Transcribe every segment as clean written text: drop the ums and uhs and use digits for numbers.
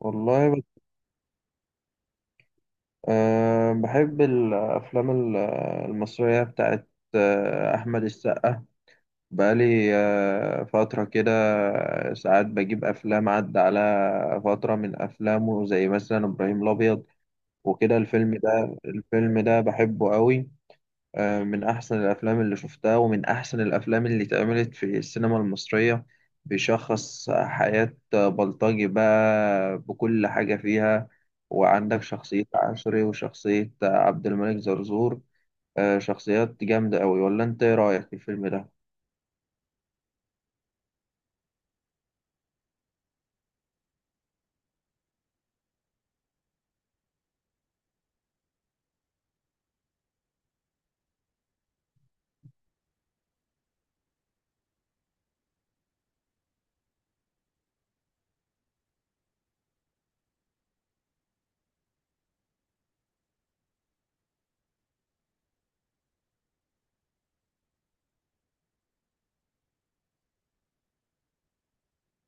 والله بت- أه بحب الأفلام المصرية بتاعت أحمد السقا. بقالي فترة كده، ساعات بجيب أفلام عدى على فترة من أفلامه، زي مثلا إبراهيم الأبيض وكده. الفيلم ده بحبه قوي، من أحسن الأفلام اللي شفتها، ومن أحسن الأفلام اللي اتعملت في السينما المصرية. بيشخص حياة بلطجي بقى بكل حاجة فيها، وعندك شخصية عشري وشخصية عبد الملك زرزور. شخصيات جامدة أوي، ولا أنت إيه رأيك في الفيلم ده؟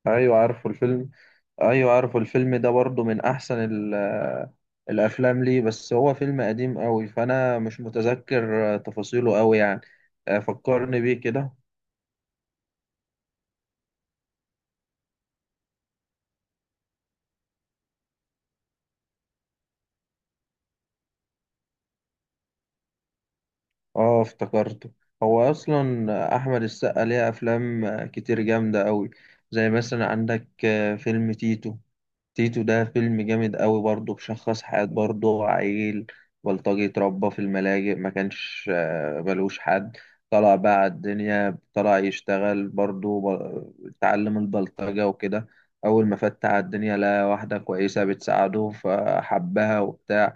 أيوة عارفه الفيلم، أيوة عارفه الفيلم ده برضه من أحسن الأفلام، ليه بس هو فيلم قديم أوي، فأنا مش متذكر تفاصيله أوي يعني. فكرني بيه كده. اه افتكرته. هو اصلا احمد السقا ليه افلام كتير جامده قوي، زي مثلا عندك فيلم تيتو. تيتو ده فيلم جامد قوي برضه، بشخص حياه برضه عيل بلطجي اتربى في الملاجئ، ما كانش ملوش حد. طلع بقى على الدنيا، طلع يشتغل برضه اتعلم البلطجه وكده. اول ما فت على الدنيا لقى واحده كويسه بتساعده فحبها وبتاع،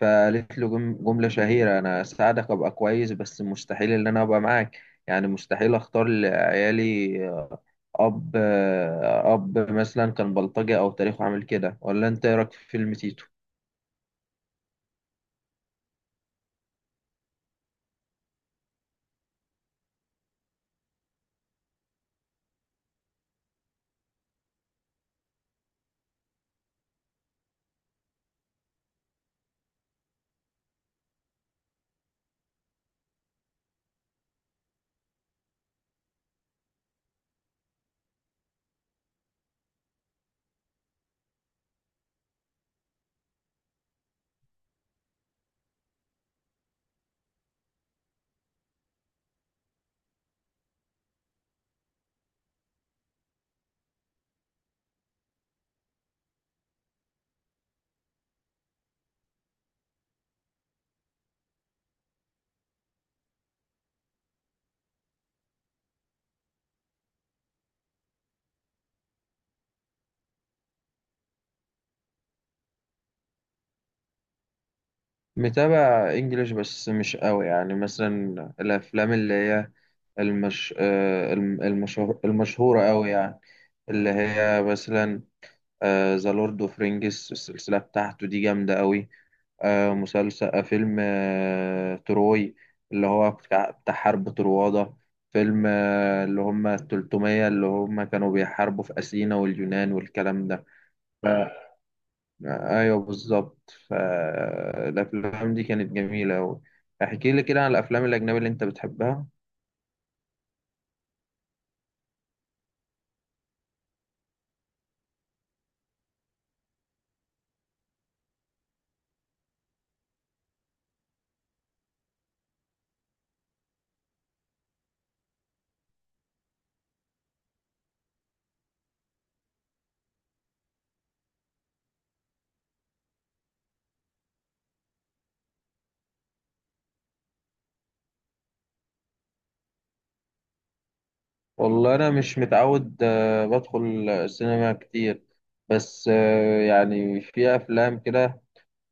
فقالت له جملة شهيرة: أنا أساعدك أبقى كويس بس مستحيل إن أنا أبقى معاك، يعني مستحيل أختار لعيالي أب أب مثلا كان بلطجي أو تاريخه عامل كده. ولا أنت إيه رأيك في فيلم تيتو؟ متابع إنجليش بس مش قوي، يعني مثلا الأفلام اللي هي المشهور... المشهورة قوي يعني، اللي هي مثلا ذا لورد أوف رينجز، السلسلة بتاعته دي جامدة قوي. آه، مسلسل آه، فيلم تروي، اللي هو بتاع حرب طروادة. فيلم اللي هم التلتمية، اللي هم كانوا بيحاربوا في أثينا واليونان والكلام ده. ف- أيوه بالظبط، فالأفلام دي كانت جميلة أوي. احكي لي كده عن الأفلام الأجنبية اللي أنت بتحبها. والله أنا مش متعود، بدخل السينما كتير، بس يعني في أفلام كده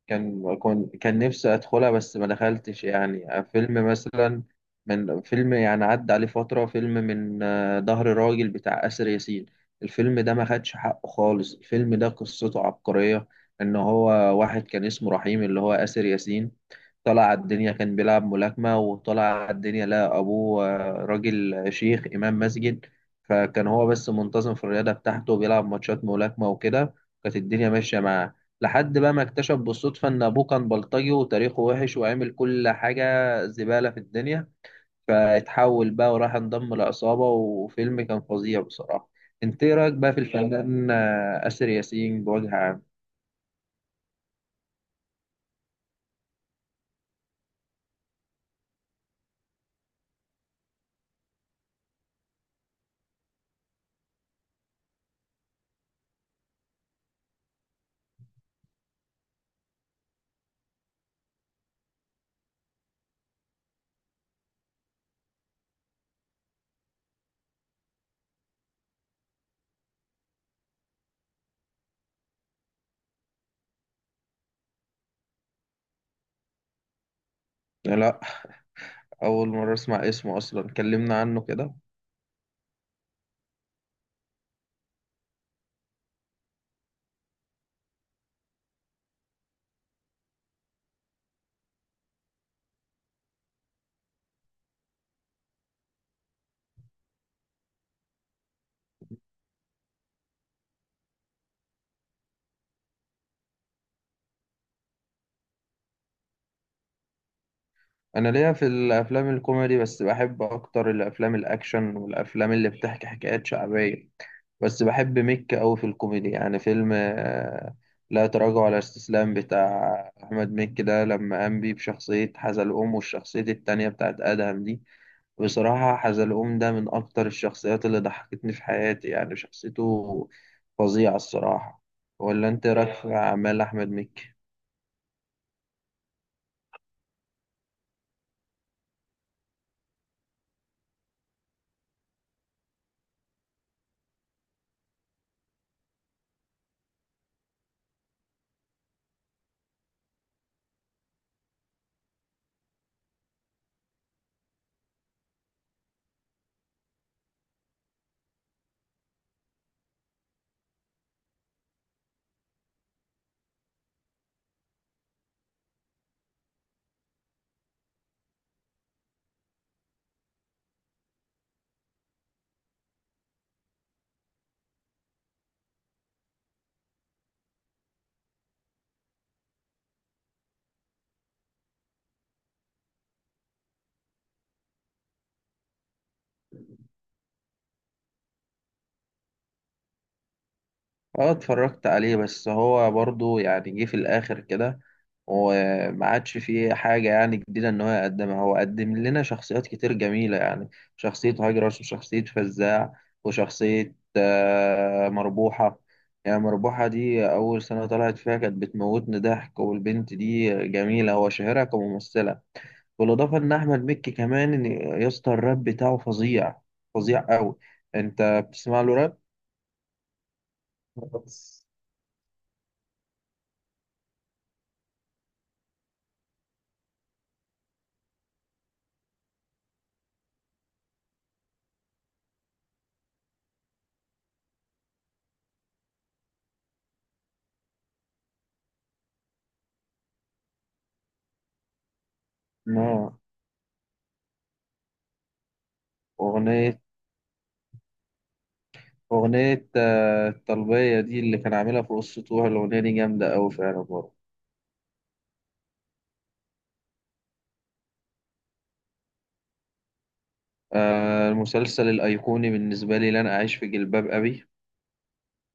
كان نفسي ادخلها بس ما دخلتش، يعني فيلم مثلا من فيلم يعني عدى عليه فترة، فيلم من ظهر راجل بتاع آسر ياسين. الفيلم ده ما خدش حقه خالص، الفيلم ده قصته عبقرية، ان هو واحد كان اسمه رحيم، اللي هو آسر ياسين، طلع على الدنيا كان بيلعب ملاكمة، وطلع على الدنيا لقى أبوه راجل شيخ إمام مسجد. فكان هو بس منتظم في الرياضة بتاعته وبيلعب ماتشات ملاكمة وكده، كانت الدنيا ماشية معاه، لحد بقى ما اكتشف بالصدفة إن أبوه كان بلطجي وتاريخه وحش وعمل كل حاجة زبالة في الدنيا، فاتحول بقى وراح انضم لعصابة. وفيلم كان فظيع بصراحة. انت ايه رأيك بقى في الفنان آسر ياسين بوجه عام؟ لا، أول مرة أسمع اسمه أصلا، كلمنا عنه كده. انا ليا في الافلام الكوميدي، بس بحب اكتر الافلام الاكشن والافلام اللي بتحكي حكايات شعبيه، بس بحب ميك قوي في الكوميدي، يعني فيلم لا تراجع ولا استسلام بتاع احمد مكي ده، لما قام بيه بشخصيه حزلقوم والشخصيه التانية بتاعت ادهم دي. بصراحه حزلقوم ده من اكتر الشخصيات اللي ضحكتني في حياتي، يعني شخصيته فظيعه الصراحه. ولا انت إيه رايك في اعمال احمد مكي؟ اه اتفرجت عليه، بس هو برضو يعني جه في الاخر كده، وما عادش فيه حاجة يعني جديدة ان هو يقدمها. هو قدم لنا شخصيات كتير جميلة، يعني شخصية هجرس وشخصية فزاع وشخصية مربوحة. يعني مربوحة دي أول سنة طلعت فيها كانت بتموتني ضحك، والبنت دي جميلة، هو شاهرها كممثلة. بالإضافة إن أحمد مكي كمان يا اسطى، الراب بتاعه فظيع، فظيع أوي. أنت بتسمع له راب؟ بس. لا. أغنية أغنية الطلبية دي اللي كان عاملها في قصته، الأغنية دي جامدة أوي فعلا برضه. المسلسل الأيقوني بالنسبة لي لن أعيش في جلباب أبي،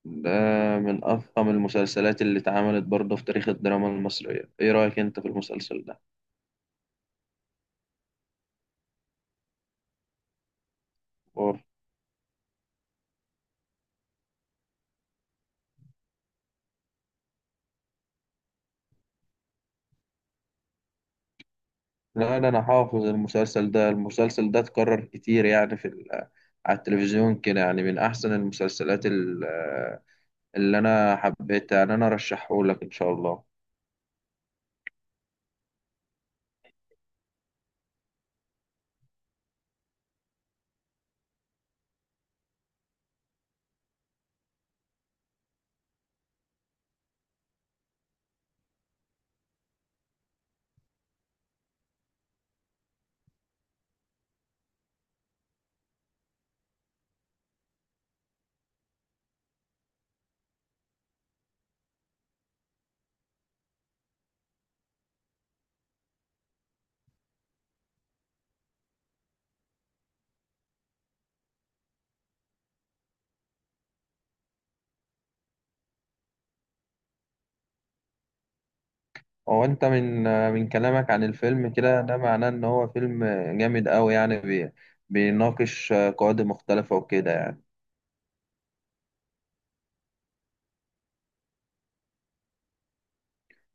ده من أفخم المسلسلات اللي اتعملت برضه في تاريخ الدراما المصرية. إيه رأيك أنت في المسلسل ده؟ أوه. لا، ده أنا حافظ المسلسل ده، المسلسل ده اتكرر كتير يعني على التلفزيون كده، يعني من أحسن المسلسلات اللي أنا حبيتها يعني، أنا أرشحهولك إن شاء الله. هو انت من كلامك عن الفيلم كده، ده معناه ان هو فيلم جامد قوي، يعني بيناقش قواعد مختلفة وكده يعني.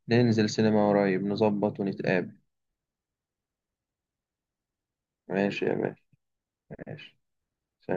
ننزل سينما قريب، نظبط ونتقابل. ماشي يا باشا. ماشي